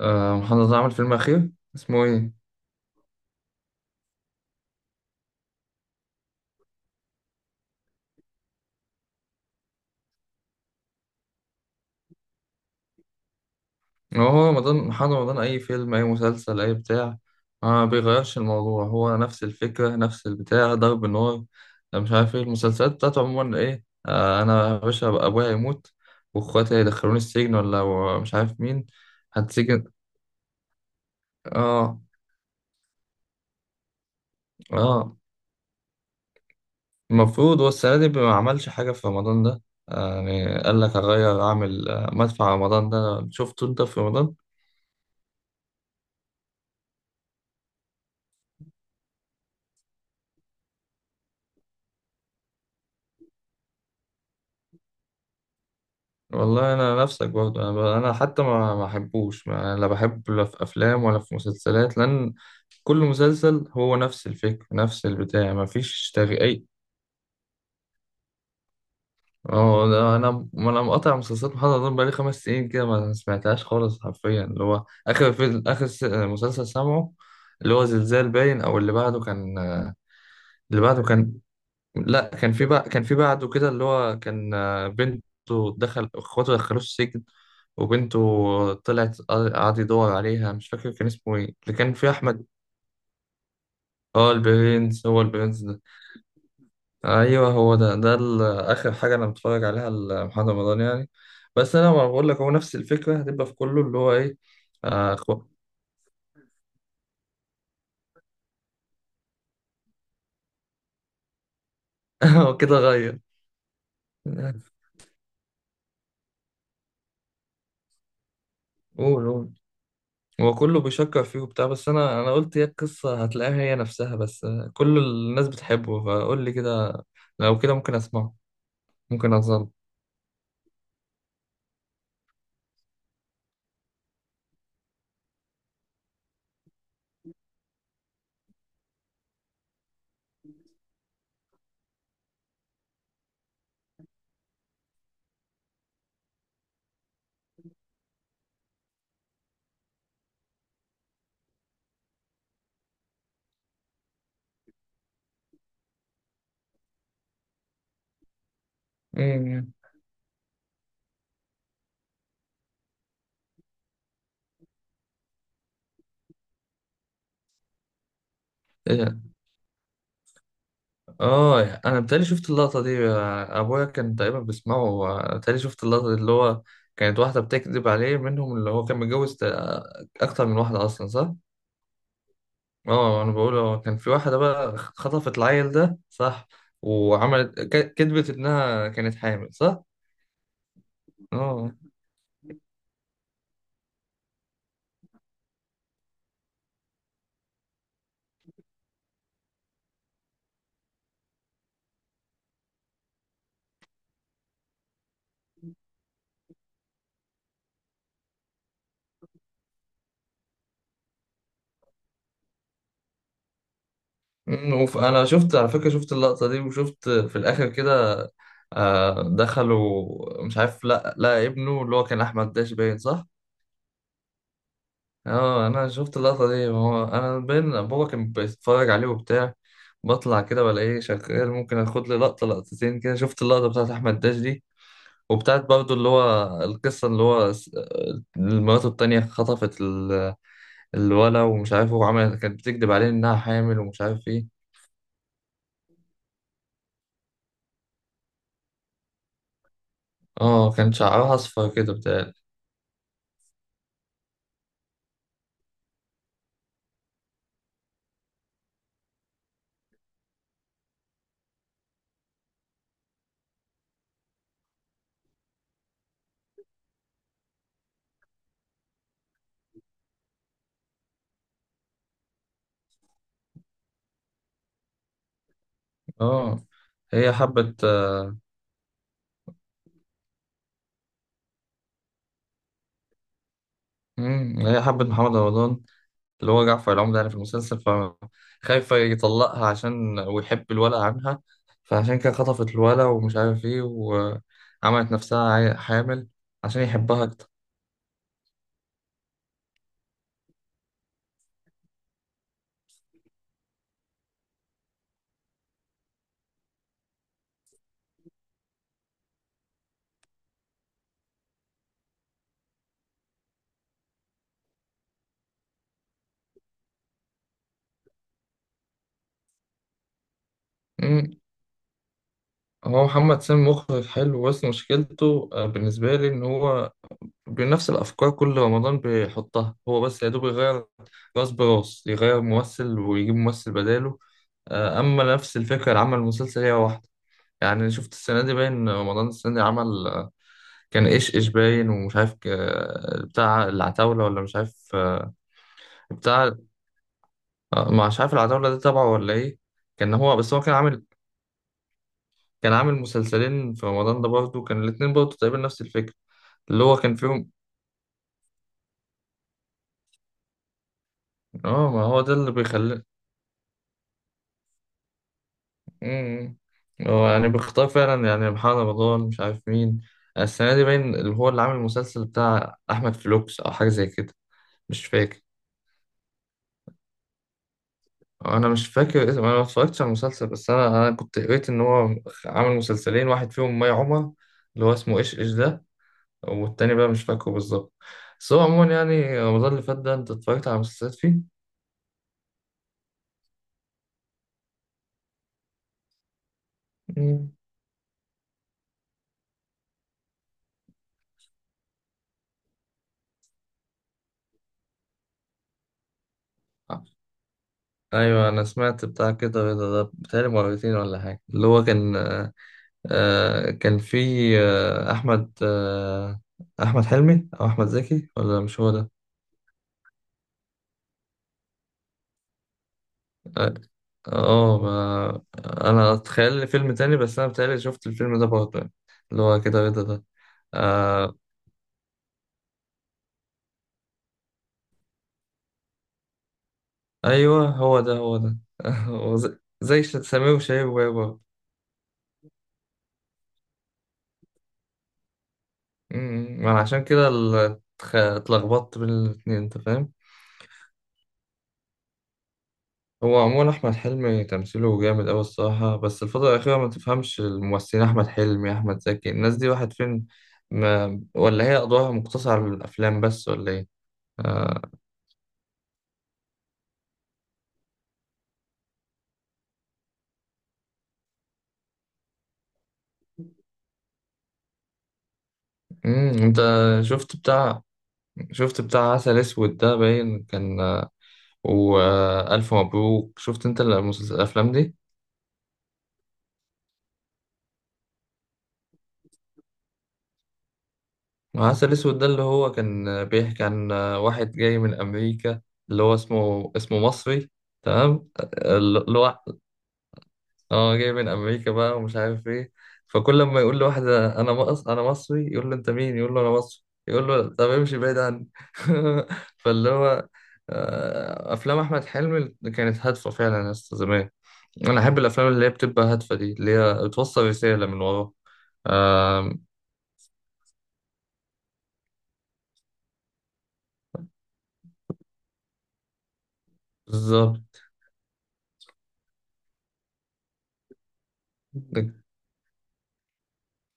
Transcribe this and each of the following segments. محمد رمضان عمل فيلم أخير، اسمه إيه؟ هو رمضان، محمد رمضان أي فيلم أي مسلسل أي بتاع ما بيغيرش الموضوع، هو نفس الفكرة نفس البتاع ضرب النار. أنا مش عارف إيه المسلسلات بتاعته عموما، إيه. أنا يا باشا أبقى أبويا يموت وإخواتي هيدخلوني السجن ولا مش عارف مين. هتسجن. آه، آه. المفروض هو السنة دي ما عملش حاجة في رمضان ده. يعني قال لك هغير أعمل مدفع رمضان ده، شفته أنت في رمضان؟ والله انا نفسك برضه، انا حتى ما احبوش لا بحب، لا في افلام ولا في مسلسلات، لان كل مسلسل هو نفس الفكر نفس البتاع ما فيش تغيير. اه، ده انا ما انا مقاطع مسلسلات محمد رمضان بقالي 5 سنين كده، ما سمعتهاش خالص حرفيا. اللي هو اخر فيلم، اخر مسلسل سامعه اللي هو زلزال باين، او اللي بعده كان، لا، كان في بعده كده اللي هو كان بنته، دخل اخواته دخلوه السجن وبنته طلعت، قعد يدور عليها، مش فاكر كان اسمه ايه اللي كان فيه احمد. اه، البرنس، هو البرنس ده. ايوه هو ده، اخر حاجه انا متفرج عليها لمحمد رمضان يعني. بس انا، ما بقول لك، هو نفس الفكره هتبقى في كله، اللي هو ايه. اخو. هو كده غير. قول قول. هو كله بيشكر فيه وبتاع، بس انا قلت هي القصه هتلاقيها هي نفسها بس. كل الناس بتحبه، فقول لي كده، لو كده ممكن اسمعه، ممكن اظل. إيه. إيه. اه، انا بتهيألي شفت اللقطه دي، ابويا كان تقريبا بيسمعه. بتهيألي شفت اللقطه دي اللي هو كانت واحده بتكذب عليه منهم، اللي هو كان متجوز اكتر من واحده اصلا، صح. اه، انا بقول هو كان في واحده بقى خطفت العيل ده، صح، وعملت كذبت انها كانت حامل، صح. اه. انا شفت على فكرة، شفت اللقطة دي، وشفت في الاخر كده دخلوا مش عارف، لا لا، ابنه اللي هو كان احمد داش باين، صح. اه، انا شفت اللقطة دي، هو انا باين بابا كان بيتفرج عليه وبتاع، بطلع كده بلاقيه شغال، ممكن اخد لي لقطة لقطتين كده، شفت اللقطة بتاعت احمد داش دي، وبتاعت برضو اللي هو القصة، اللي هو مراته التانية خطفت الولا، ومش عارف، وعملت كانت بتكذب عليه انها حامل ومش عارف ايه. اه، كان شعرها اصفر كده بتاع. اه، هي حبت. مم. هي حبت محمد رمضان اللي هو جعفر العمدة يعني في المسلسل، فخايفة يطلقها عشان ويحب الولد عنها. فعشان كده خطفت الولد، ومش عارف ايه، وعملت نفسها حامل، عشان يحبها أكتر. مم. هو محمد سامي مخرج حلو، بس مشكلته بالنسبة لي، إن هو بنفس الأفكار كل رمضان بيحطها، هو بس يا دوب يغير راس براس، يغير ممثل ويجيب ممثل بداله، أما نفس الفكرة اللي عمل المسلسل هي واحدة. يعني شفت السنة دي باين رمضان السنة دي عمل كان إيش باين، ومش عارف بتاع العتاولة، ولا مش عارف بتاع، مش عارف العتاولة ده تبعه ولا إيه. كان هو بس هو كان عامل مسلسلين في رمضان ده برضه، كان الاتنين برضه تقريبا نفس الفكرة اللي هو كان فيهم. اه، ما هو ده اللي بيخلي. مم. هو يعني بيختار فعلا، يعني محمد رمضان مش عارف مين. السنة دي باين اللي هو اللي عامل المسلسل بتاع أحمد فلوكس أو حاجة زي كده، مش فاكر. انا مش فاكر اسم، انا ما اتفرجتش على المسلسل، بس انا كنت قريت ان هو عامل مسلسلين، واحد فيهم مي عمر، اللي هو اسمه ايش ده، والتاني بقى مش فاكره بالظبط. بس هو عموما يعني رمضان اللي فات ده، انت اتفرجت على مسلسلات فيه؟ مم. ايوه، انا سمعت بتاع كده رضا ده بتهيألي مرتين ولا حاجه، اللي هو كان كان في احمد احمد حلمي او احمد زكي ولا مش هو ده. اه آه، ما- انا اتخيل لي فيلم تاني، بس انا بتهيألي شفت الفيلم ده برضه يعني، اللي هو كده رضا ده. آه ايوه، هو ده هو ده. هو زي سمير وشهير وبهير. ما انا عشان كده اتلخبطت بين الاتنين، انت فاهم. هو عموما احمد حلمي تمثيله جامد اوي الصراحه، بس الفتره الاخيره ما تفهمش الممثلين، احمد حلمي، احمد زكي، الناس دي واحد فين. ما ولا هي ادوارها مقتصره على الافلام بس، ولا ايه؟ آه. انت شفت بتاع، عسل اسود ده باين كان، والف مبروك، شفت انت الافلام دي؟ عسل اسود ده اللي هو كان بيحكي عن واحد جاي من امريكا اللي هو اسمه مصري، تمام. اللي هو اه، جاي من امريكا بقى ومش عارف ايه، فكل لما يقول لواحد انا مصري، يقول له انت مين، يقول له انا مصري، يقول له طب امشي بعيد عني. فاللي هو افلام احمد حلمي كانت هادفه فعلا يا اسطى زمان. انا احب الافلام اللي هي بتبقى هادفه دي، اللي هي بتوصل رساله من ورا. آم، بالظبط.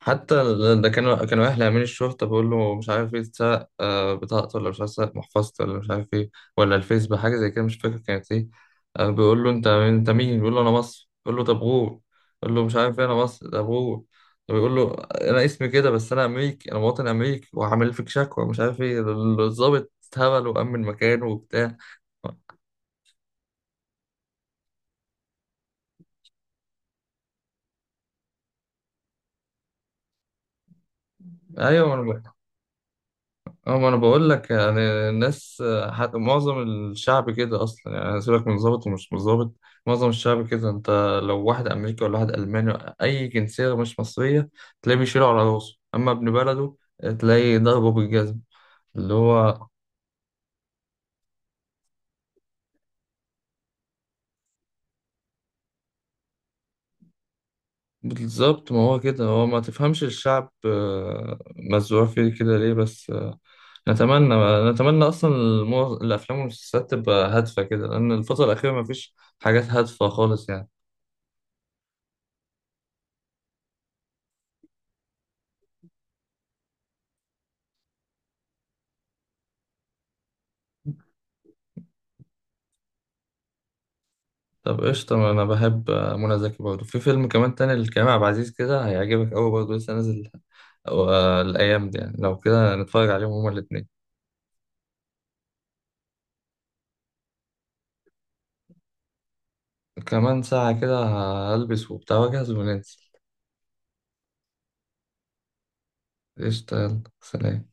حتى ده كانوا اهل امين الشرطه، بيقول له مش عارف ايه، اتسرق بطاقته ولا مش عارف، اتسرق محفظته ولا مش عارف ايه، ولا الفيسبوك حاجه زي كده مش فاكر كانت ايه. بيقول له انت مين، بيقول له انا مصر، بيقول له طب غور. بيقول له مش عارف ايه انا مصر، طب غور. طب بيقول له انا اسمي كده، بس انا امريكي، انا مواطن امريكي، وهعمل فيك شكوى مش عارف ايه. الضابط اتهبل وامن مكانه وبتاع. ايوه. اه، ما انا بقول لك يعني، الناس، حتى معظم الشعب كده اصلا، يعني سيبك من ظابط ومش مظابط، معظم الشعب كده، انت لو واحد امريكي ولا واحد الماني، اي جنسيه مش مصريه، تلاقيه بيشيله على راسه، اما ابن بلده تلاقيه ضربه بالجزم. اللي هو بالظبط، ما هو كده، هو ما تفهمش الشعب مزروع فيه كده ليه، بس نتمنى، اصلا الافلام والمسلسلات تبقى هادفه كده، لان الفتره الاخيره ما فيش حاجات هادفه خالص يعني. طب قشطة، ما أنا بحب منى زكي برضه، في فيلم كمان تاني لكريم عبد العزيز كده هيعجبك أوي برضه، لسه نازل أو الأيام دي يعني، لو كده نتفرج عليهم هما الاتنين. كمان ساعة كده، هلبس وبتاع وأجهز وننزل. قشطة، يلا سلام.